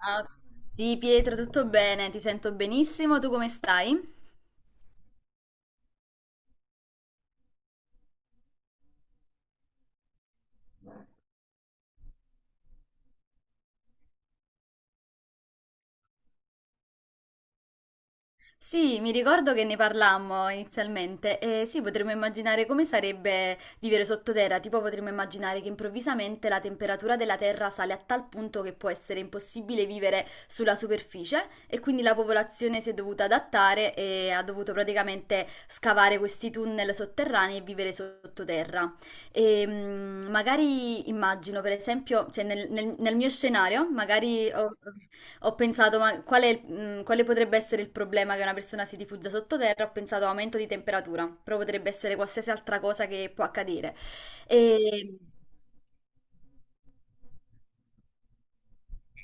Ciao. Sì, Pietro, tutto bene? Ti sento benissimo, tu come stai? Sì, mi ricordo che ne parlammo inizialmente e sì, potremmo immaginare come sarebbe vivere sottoterra, tipo potremmo immaginare che improvvisamente la temperatura della terra sale a tal punto che può essere impossibile vivere sulla superficie e quindi la popolazione si è dovuta adattare e ha dovuto praticamente scavare questi tunnel sotterranei e vivere sottoterra. E, magari immagino, per esempio, cioè nel mio scenario, ok. Ho pensato, ma quale potrebbe essere il problema che una persona si rifugia sottoterra? Ho pensato aumento di temperatura, però potrebbe essere qualsiasi altra cosa che può accadere. E-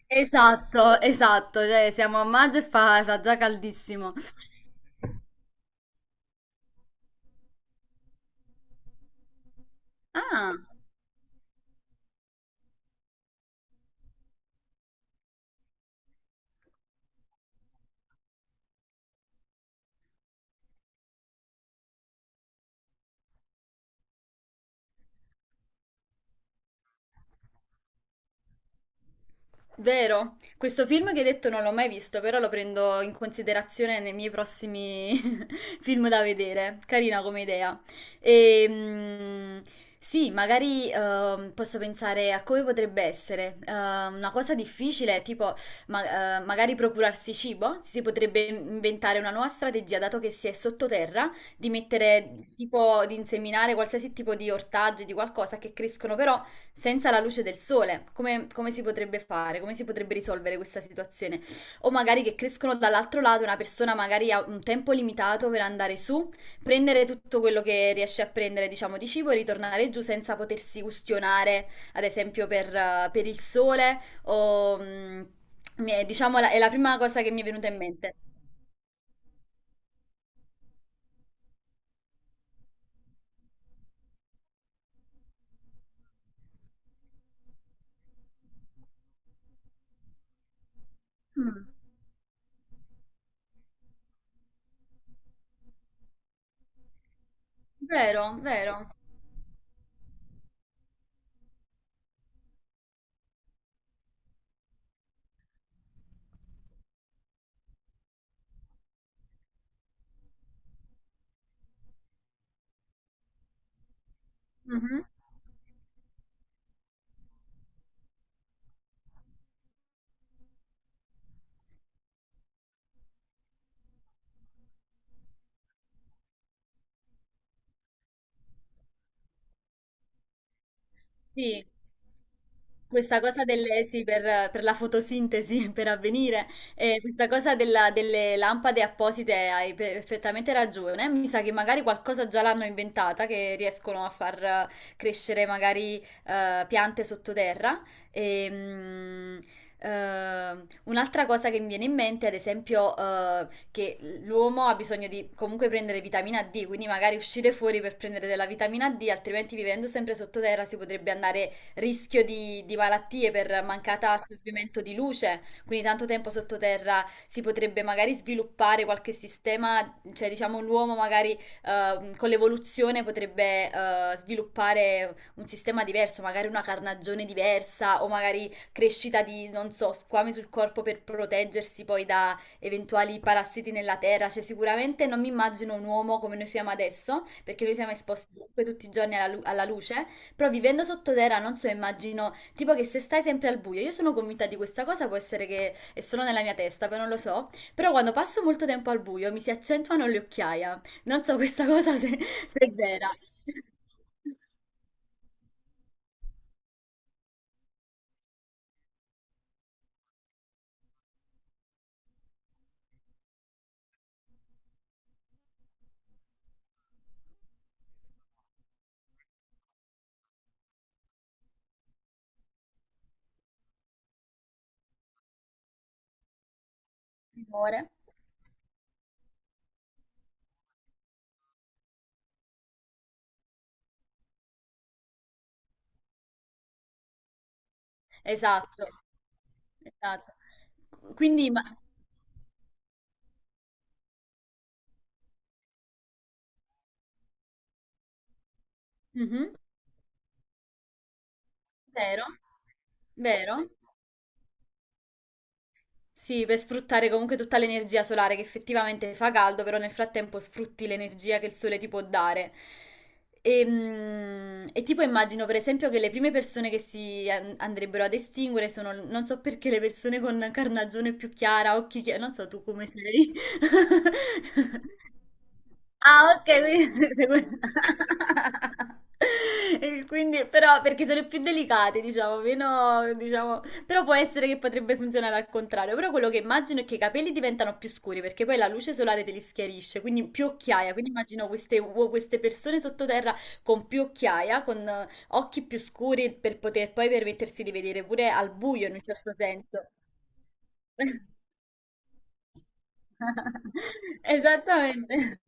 Esatto, esatto, cioè siamo a maggio e fa già caldissimo. Ah. Vero, questo film che hai detto non l'ho mai visto, però lo prendo in considerazione nei miei prossimi film da vedere. Carina come idea. E, sì, magari posso pensare a come potrebbe essere. Una cosa difficile, tipo magari procurarsi cibo. Si potrebbe inventare una nuova strategia, dato che si è sottoterra, di mettere tipo di inseminare qualsiasi tipo di ortaggi, di qualcosa che crescono però senza la luce del sole, come si potrebbe fare? Come si potrebbe risolvere questa situazione? O magari che crescono dall'altro lato, una persona magari ha un tempo limitato per andare su, prendere tutto quello che riesce a prendere, diciamo, di cibo e ritornare giù senza potersi ustionare, ad esempio, per il sole o... mm, mi è- Diciamo, è la prima cosa che mi è venuta in mente. Mm. Vero, vero. Mhm. Sì. Questa cosa delle sì, per la fotosintesi, per avvenire, questa cosa della delle lampade apposite hai perfettamente ragione. Mi sa che magari qualcosa già l'hanno inventata, che riescono a far crescere magari, piante sottoterra. Ehm, un'altra cosa che mi viene in mente, ad esempio, che l'uomo ha bisogno di comunque prendere vitamina D, quindi magari uscire fuori per prendere della vitamina D, altrimenti vivendo sempre sottoterra si potrebbe andare rischio di malattie per mancata assorbimento di luce, quindi tanto tempo sottoterra si potrebbe magari sviluppare qualche sistema, cioè diciamo l'uomo magari con l'evoluzione potrebbe sviluppare un sistema diverso, magari una carnagione diversa o magari crescita di, non so, squame sul corpo per proteggersi poi da eventuali parassiti nella terra, cioè sicuramente non mi immagino un uomo come noi siamo adesso, perché noi siamo esposti comunque tutti i giorni alla luce, però vivendo sottoterra, non so, immagino, tipo che se stai sempre al buio, io sono convinta di questa cosa, può essere che è solo nella mia testa, poi non lo so, però quando passo molto tempo al buio mi si accentuano le occhiaie. Non so questa cosa se, se è vera. Timore. Esatto, esatto. Quindi, ma... Mhm. Vero? Vero? Sì, per sfruttare comunque tutta l'energia solare che effettivamente fa caldo, però nel frattempo sfrutti l'energia che il sole ti può dare. E, e tipo immagino per esempio che le prime persone che andrebbero ad estinguere sono, non so perché, le persone con carnagione più chiara, occhi chiari, non so tu come sei. Ah, ok, quindi... E quindi, però, perché sono più delicate, diciamo, meno, diciamo, però può essere che potrebbe funzionare al contrario. Però quello che immagino è che i capelli diventano più scuri perché poi la luce solare te li schiarisce, quindi più occhiaia. Quindi immagino queste persone sottoterra con più occhiaia, con occhi più scuri per poter poi permettersi di vedere pure al buio in un certo senso. Esattamente.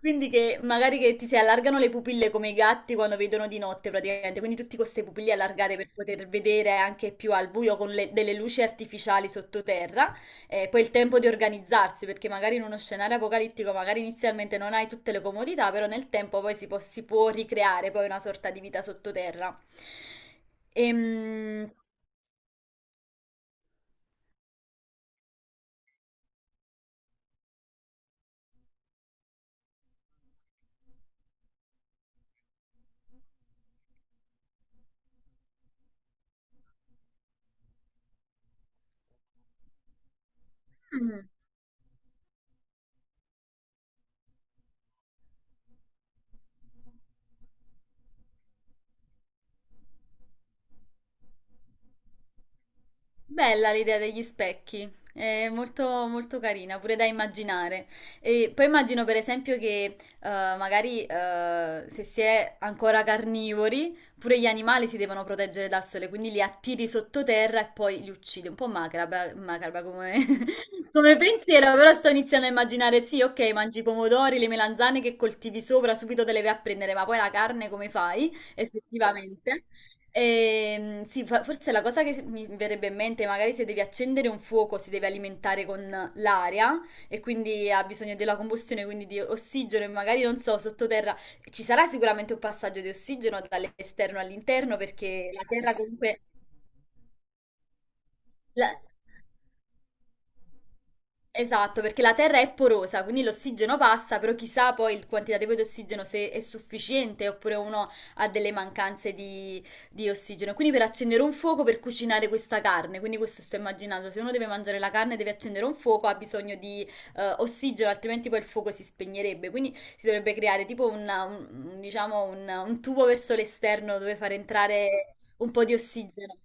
Quindi che magari che ti si allargano le pupille come i gatti quando vedono di notte praticamente, quindi tutte queste pupille allargate per poter vedere anche più al buio con delle luci artificiali sottoterra, e poi il tempo di organizzarsi, perché magari in uno scenario apocalittico magari inizialmente non hai tutte le comodità, però nel tempo poi si può ricreare poi una sorta di vita sottoterra. Ehm... Bella l'idea degli specchi, è molto, molto carina, pure da immaginare. E poi immagino per esempio che magari se si è ancora carnivori, pure gli animali si devono proteggere dal sole, quindi li attiri sottoterra e poi li uccidi. Un po' macabra, come pensiero, però sto iniziando a immaginare, sì, ok, mangi i pomodori, le melanzane che coltivi sopra, subito te le vai a prendere, ma poi la carne come fai? Effettivamente. Sì, forse la cosa che mi verrebbe in mente, magari se devi accendere un fuoco, si deve alimentare con l'aria e quindi ha bisogno della combustione, quindi di ossigeno e magari non so, sottoterra ci sarà sicuramente un passaggio di ossigeno dall'esterno all'interno perché la terra comunque... la- Esatto, perché la terra è porosa, quindi l'ossigeno passa, però chissà poi il quantitativo di ossigeno se è sufficiente oppure uno ha delle mancanze di ossigeno. Quindi per accendere un fuoco per cucinare questa carne, quindi questo sto immaginando, se uno deve mangiare la carne e deve accendere un fuoco ha bisogno di ossigeno, altrimenti poi il fuoco si spegnerebbe. Quindi si dovrebbe creare tipo diciamo un tubo verso l'esterno dove far entrare un po' di ossigeno.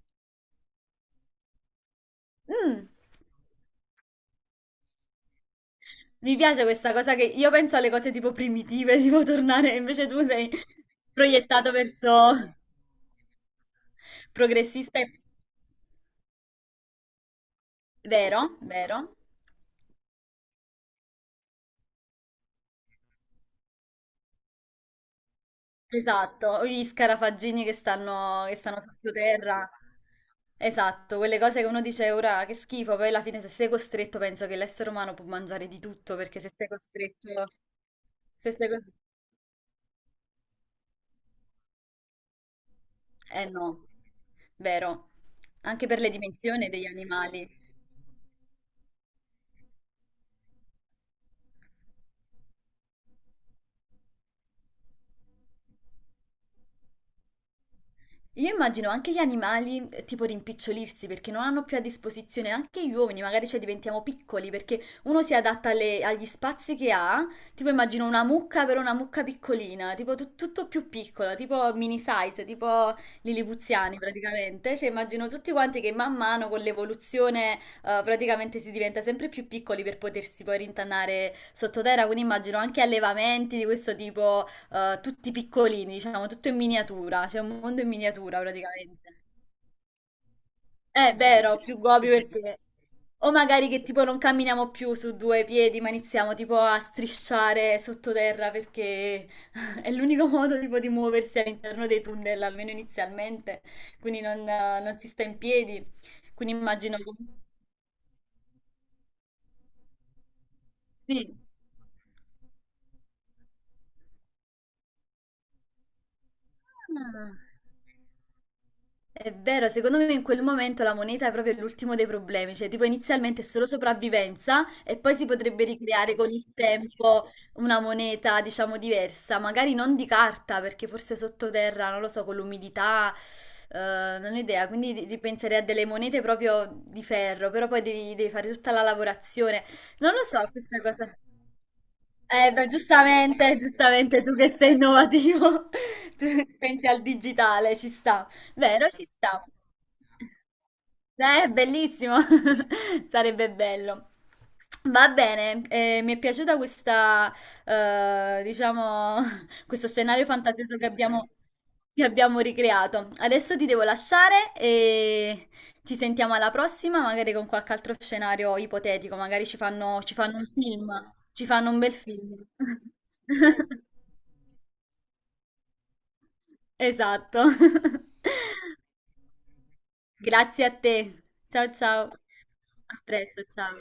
Mm. Mi piace questa cosa che io penso alle cose tipo primitive, tipo tornare, invece tu sei proiettato verso progressista e... Vero, vero. Esatto, gli scarafaggini che stanno sottoterra. Esatto, quelle cose che uno dice ora che schifo, poi alla fine se sei costretto penso che l'essere umano può mangiare di tutto, perché se sei costretto... Se sei costretto... Eh no, vero. Anche per le dimensioni degli animali. Io immagino anche gli animali tipo rimpicciolirsi perché non hanno più a disposizione anche gli uomini, magari cioè diventiamo piccoli perché uno si adatta agli spazi che ha, tipo immagino una mucca però una mucca piccolina, tipo tutto più piccola, tipo mini size, tipo lilipuziani praticamente, cioè immagino tutti quanti che man mano con l'evoluzione praticamente si diventa sempre più piccoli per potersi poi rintanare sottoterra, quindi immagino anche allevamenti di questo tipo tutti piccolini, diciamo, tutto in miniatura, c'è un mondo in miniatura praticamente. È vero, più gobi perché... O magari che tipo non camminiamo più su due piedi, ma iniziamo tipo a strisciare sottoterra perché è l'unico modo tipo di muoversi all'interno dei tunnel, almeno inizialmente, quindi non, non si sta in piedi. Quindi immagino... Sì. Ah. È vero, secondo me in quel momento la moneta è proprio l'ultimo dei problemi, cioè tipo inizialmente è solo sopravvivenza e poi si potrebbe ricreare con il tempo una moneta, diciamo, diversa, magari non di carta, perché forse sottoterra, non lo so, con l'umidità, non ho idea, quindi penserei a delle monete proprio di ferro, però poi devi fare tutta la lavorazione. Non lo so, questa cosa. Beh, giustamente, giustamente, tu che sei innovativo, tu pensi al digitale, ci sta. Vero, ci sta. Bellissimo, sarebbe bello. Va bene, mi è piaciuta questa, diciamo, questo scenario fantasioso che abbiamo ricreato. Adesso ti devo lasciare, ci sentiamo alla prossima, magari con qualche altro scenario ipotetico, magari ci fanno un film, ci fanno un bel film. Esatto. Grazie a te. Ciao ciao. A presto, ciao.